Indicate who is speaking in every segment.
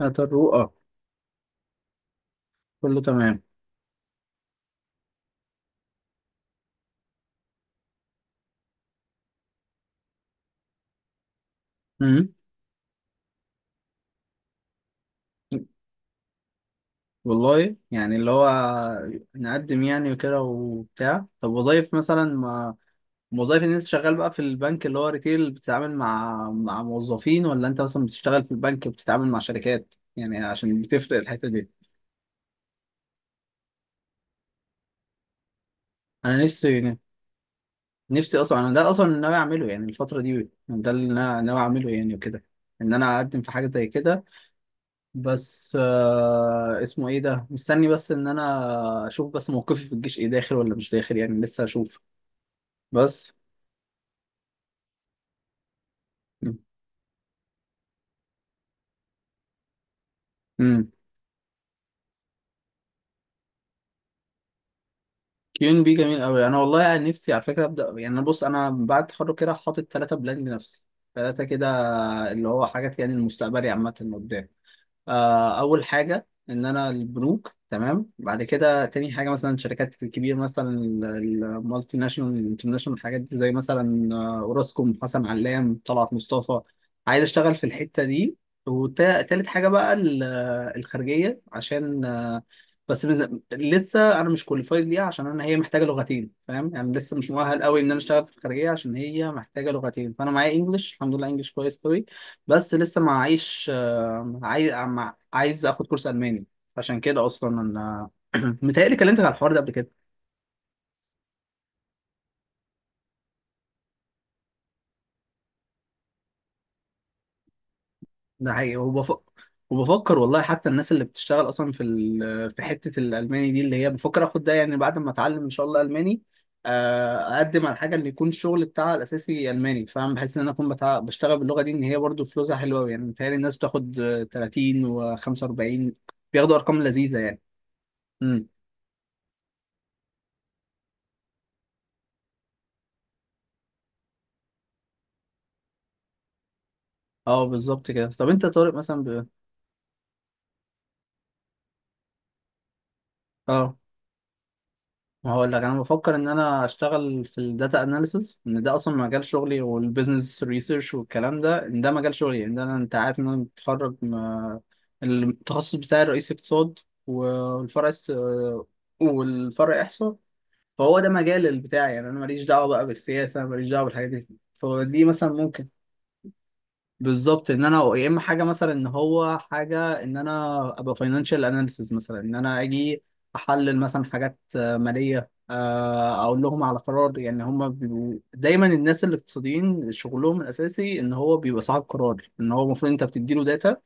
Speaker 1: هات الرؤى. كله تمام. امم والله يعني اللي هو نقدم يعني وكده وبتاع. طب وظايف مثلا، ما وظايف ان انت شغال بقى في البنك اللي هو ريتيل، بتتعامل مع موظفين، ولا انت مثلا بتشتغل في البنك بتتعامل مع شركات؟ يعني عشان بتفرق الحتة دي. انا نفسي نفسي اصلا، انا ده اصلا اللي ناوي اعمله يعني الفترة دي، ده اللي انا ناوي اعمله يعني وكده، ان انا اقدم في حاجة زي كده. بس اسمه ايه ده، مستني بس ان انا اشوف بس موقفي في الجيش ايه، داخل ولا مش داخل، يعني لسه هشوف بس. امم كيون بي جميل قوي. انا والله يعني نفسي على فكره، ابدا يعني، أنا بص انا بعد التخرج كده حاطط ثلاثه بلان لنفسي، ثلاثه كده، اللي هو حاجات يعني المستقبلي عامه قدام. اول حاجه ان انا البنوك، تمام. بعد كده تاني حاجه مثلا الشركات الكبيره، مثلا المالتي ناشونال، الانترناشونال، الحاجات دي، زي مثلا اوراسكوم، حسن علام، طلعت مصطفى، عايز اشتغل في الحته دي. وتالت حاجه بقى الخارجيه، عشان لسه انا مش كواليفايد ليها، عشان انا هي محتاجه لغتين، فاهم؟ يعني لسه مش مؤهل قوي ان انا اشتغل في الخارجيه عشان هي محتاجه لغتين، فانا معايا انجلش الحمد لله، انجلش كويس قوي، بس لسه ما معيش. عايز اخد كورس الماني، عشان كده اصلا انا متهيألي كلمتك على الحوار ده قبل كده. ده حقيقي، وبفكر والله، حتى الناس اللي بتشتغل اصلا في في حته الالماني دي، اللي هي بفكر اخد ده يعني بعد ما اتعلم ان شاء الله الماني، اقدم على حاجه اللي يكون الشغل بتاعها الاساسي الماني، فاهم؟ بحس ان انا اكون بشتغل باللغه دي، ان هي برضو فلوسها حلوه أوي، يعني متهيألي الناس بتاخد 30 و45، بياخدوا ارقام لذيذه يعني. امم اه بالظبط كده. طب انت يا طارق مثلا ب... اه هقول لك، انا بفكر ان انا اشتغل في الداتا اناليسز، ان ده اصلا مجال شغلي، والبيزنس ريسيرش والكلام ده، ان ده مجال شغلي، ان ده انا، انت عارف ان انا متخرج التخصص بتاعي الرئيسي اقتصاد، والفرع است... آه، والفرع احصاء. فهو ده مجال بتاعي يعني، انا ماليش دعوه بقى بالسياسه، ماليش دعوه بالحاجات دي، فدي مثلا ممكن. بالظبط، ان انا يا اما حاجه مثلا ان هو حاجه ان انا ابقى فاينانشال اناليسز، مثلا ان انا اجي احلل مثلا حاجات ماليه، اقول لهم على قرار، يعني هم بيبقوا دايما الناس الاقتصاديين شغلهم الاساسي ان هو بيبقى صاحب قرار، ان هو المفروض انت بتديله داتا،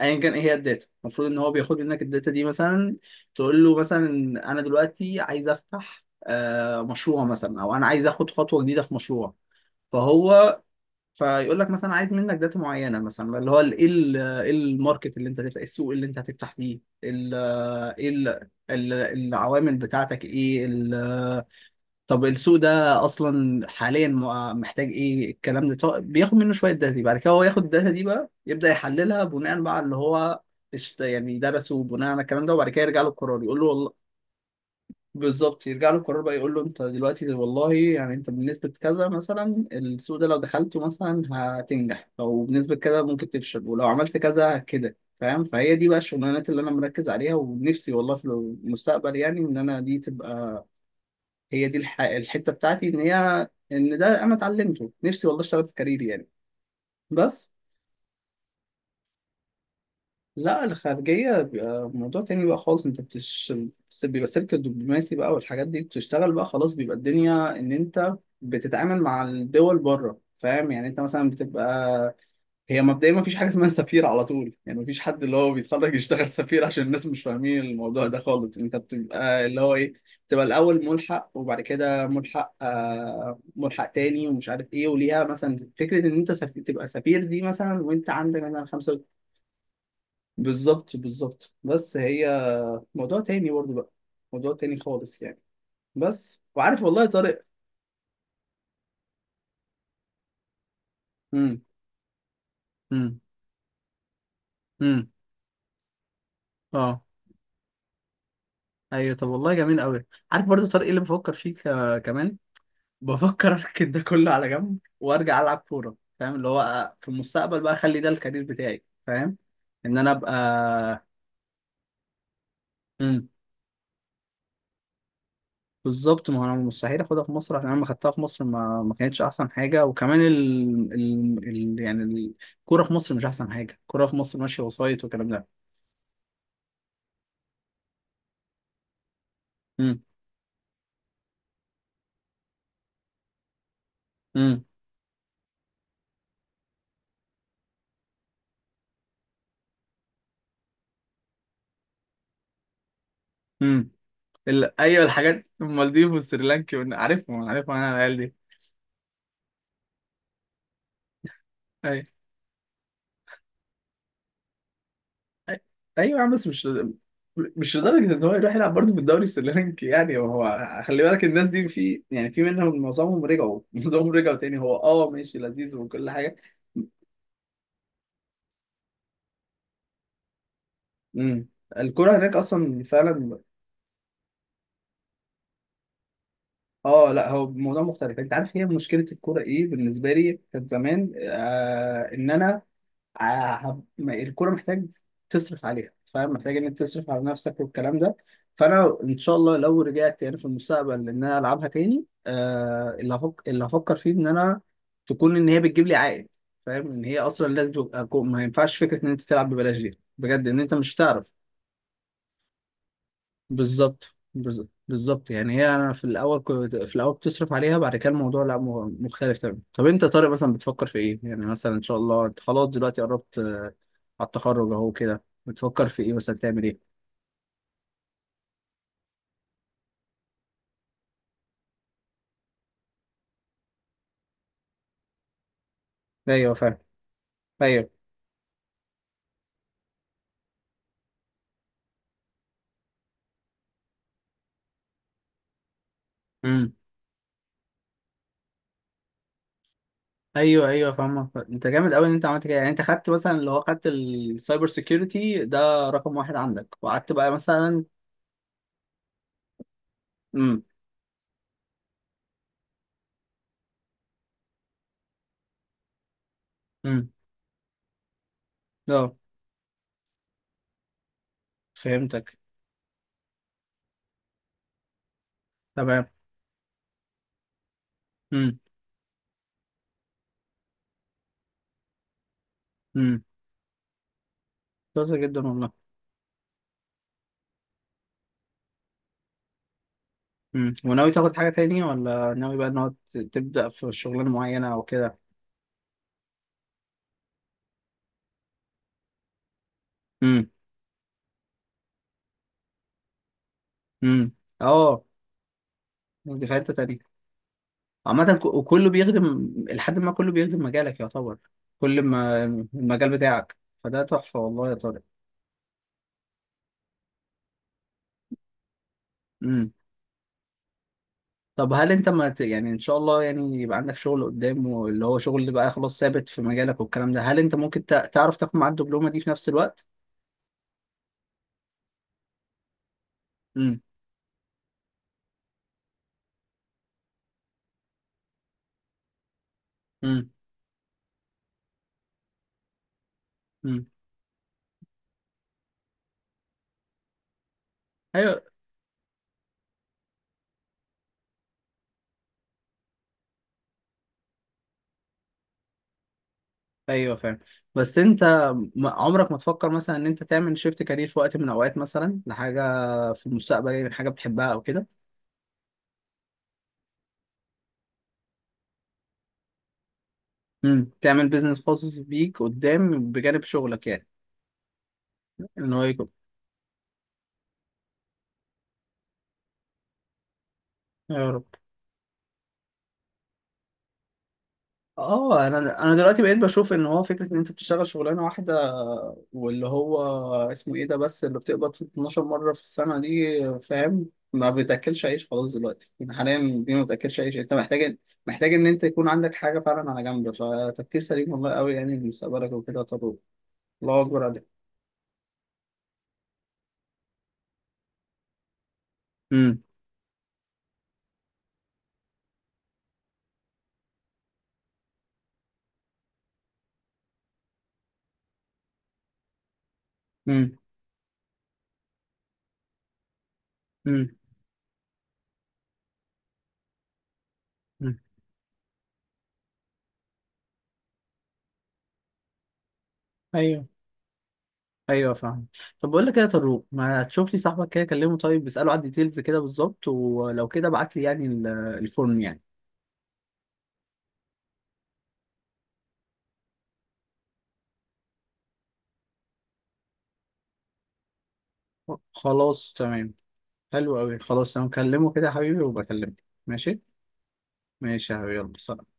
Speaker 1: ايا كان ايه هي الداتا، المفروض ان هو بياخد منك الداتا دي، مثلا تقول له مثلا انا دلوقتي عايز افتح مشروع مثلا، او انا عايز اخد خطوه جديده في مشروع. فهو فيقول لك مثلا عايز منك داتا معينه، مثلا اللي هو ال- ايه ال- إيه الماركت اللي انت هتفتح، إيه السوق اللي انت هتفتح فيه، العوامل بتاعتك ايه، طب السوق ده اصلا حاليا محتاج ايه، الكلام ده. طب بياخد منه شويه داتا دي، بعد كده هو ياخد الداتا دي بقى، يبدا يحللها بناء بقى على اللي هو يعني درسه، بناء على الكلام ده، وبعد كده يرجع له القرار يقول له والله. بالظبط، يرجع له القرار بقى يقول له انت دلوقتي والله يعني انت بنسبة كذا مثلا السوق ده لو دخلته مثلا هتنجح، او بنسبة كذا ممكن تفشل، ولو عملت كذا كده، فاهم؟ فهي دي بقى الشغلانات اللي انا مركز عليها، ونفسي والله في المستقبل يعني ان انا دي تبقى الحتة بتاعتي، ان هي ان ده انا اتعلمته نفسي والله، اشتغل في كاريري يعني. بس. لا، الخارجية بيبقى موضوع تاني بقى خالص، انت بتش بس بيبقى سلك الدبلوماسي بقى والحاجات دي، بتشتغل بقى خلاص، بيبقى الدنيا ان انت بتتعامل مع الدول بره، فاهم يعني؟ انت مثلا بتبقى، هي مبدئيا ما فيش حاجة اسمها سفير على طول يعني، ما فيش حد اللي هو بيتخرج يشتغل سفير، عشان الناس مش فاهمين الموضوع ده خالص. انت بتبقى اللي هو ايه، بتبقى الاول ملحق، وبعد كده ملحق ملحق تاني، ومش عارف ايه، وليها مثلا فكرة ان انت تبقى سفير دي، مثلا وانت عندك مثلا خمسة. بالظبط بس هي موضوع تاني برضه بقى، موضوع تاني خالص يعني. بس وعارف والله يا طارق. امم امم امم اه ايوه، طب والله جميل قوي. عارف برضو طارق إيه اللي بفكر فيه كمان؟ بفكر اركن ده كله على جنب وارجع العب كوره، فاهم؟ اللي هو في المستقبل بقى اخلي ده الكارير بتاعي، فاهم؟ ان انا ابقى. مم. بالظبط، ما هو انا مستحيل اخدها في مصر، عشان انا لما خدتها في مصر ما ما كانتش احسن حاجه، وكمان يعني الكوره في مصر مش احسن حاجه، الكوره في مصر ماشيه وسايط والكلام ده. امم امم امم ايوه، الحاجات المالديف والسريلانكي عارفهم انا العيال دي. ايوه. أي- ايوه يا عم، بس مش، مش لدرجه ان هو يروح يلعب برضه في الدوري السريلانكي يعني، هو خلي بالك الناس دي في، يعني في منهم معظمهم رجعوا معظمهم رجعوا تاني. هو اه ماشي لذيذ وكل حاجه. امم الكرة هناك أصلا فعلا. اه، لا هو موضوع مختلف، انت عارف هي مشكله الكوره ايه بالنسبه لي كانت زمان ان انا آه الكوره محتاج تصرف عليها، فاهم؟ محتاج ان انت تصرف على نفسك والكلام ده. فانا ان شاء الله لو رجعت يعني في المستقبل ان انا العبها تاني اللي هفكر فيه ان انا تكون ان هي بتجيب لي عائد، فاهم؟ ان هي اصلا لازم تبقى ما ينفعش فكره ان انت تلعب ببلاش دي بجد، ان انت مش هتعرف. بالظبط، يعني هي انا في الاول كنت في الاول بتصرف عليها، بعد كده الموضوع لا مختلف تماما. طب انت يا طارق مثلا بتفكر في ايه يعني، مثلا ان شاء الله انت خلاص دلوقتي قربت على التخرج اهو كده، بتفكر في ايه مثلا تعمل ايه؟ ايوه فاهم. ايوه. امم ايوه، ايوه فاهمك. انت جامد قوي ان انت عملت كده يعني، انت خدت مثلا اللي هو خدت السايبر سيكيورتي ده رقم واحد عندك، وقعدت بقى مثلا. امم امم اه فهمتك. تمام. امم امم شاطر جدا والله. وناوي تاخد حاجة تانية، ولا ناوي بقى ان هو تبدأ في شغلانة معينة او كده؟ امم امم اه، دي في حتة تانية. عامة وكله بيخدم، لحد ما كله بيخدم مجالك يعتبر، كل ما المجال بتاعك، فده تحفة والله يا طارق. امم طب هل انت ما ت... يعني ان شاء الله يعني يبقى عندك شغل قدام، واللي هو شغل اللي بقى خلاص ثابت في مجالك والكلام ده، هل انت ممكن تعرف تاخد معاه الدبلومة دي في نفس الوقت؟ امم امم امم ايوه، ايوه فاهم. بس انت عمرك ما تفكر مثلا ان انت تعمل شيفت كارير في وقت من الاوقات، مثلا لحاجه في المستقبل يعني، حاجه بتحبها او كده؟ تعمل بيزنس خاص بيك قدام، بجانب شغلك يعني، ان هو يكون. يا رب. اه، انا انا دلوقتي بقيت بشوف ان هو فكره ان انت بتشتغل شغلانه واحده واللي هو اسمه ايه ده بس اللي بتقبض 12 مره في السنه دي، فاهم؟ ما بتاكلش عيش خلاص دلوقتي، يعني حاليا دي ما بتاكلش عيش، انت محتاج، محتاج ان انت يكون عندك حاجه فعلا على جنب. فتفكير سليم والله قوي يعني لمستقبلك وكده. طب. الله اكبر عليك. امم امم امم أمم. ايوه، ايوه فاهم. طب بقول لك ايه يا طارق، ما تشوف لي صاحبك كده كلمه، طيب اساله على الديتيلز كده بالظبط، ولو كده ابعت لي يعني الفورم يعني. خلاص تمام. حلو أوي، خلاص أنا مكلمه كده يا حبيبي وبكلمك، ماشي؟ ماشي يا حبيبي، يلا سلام.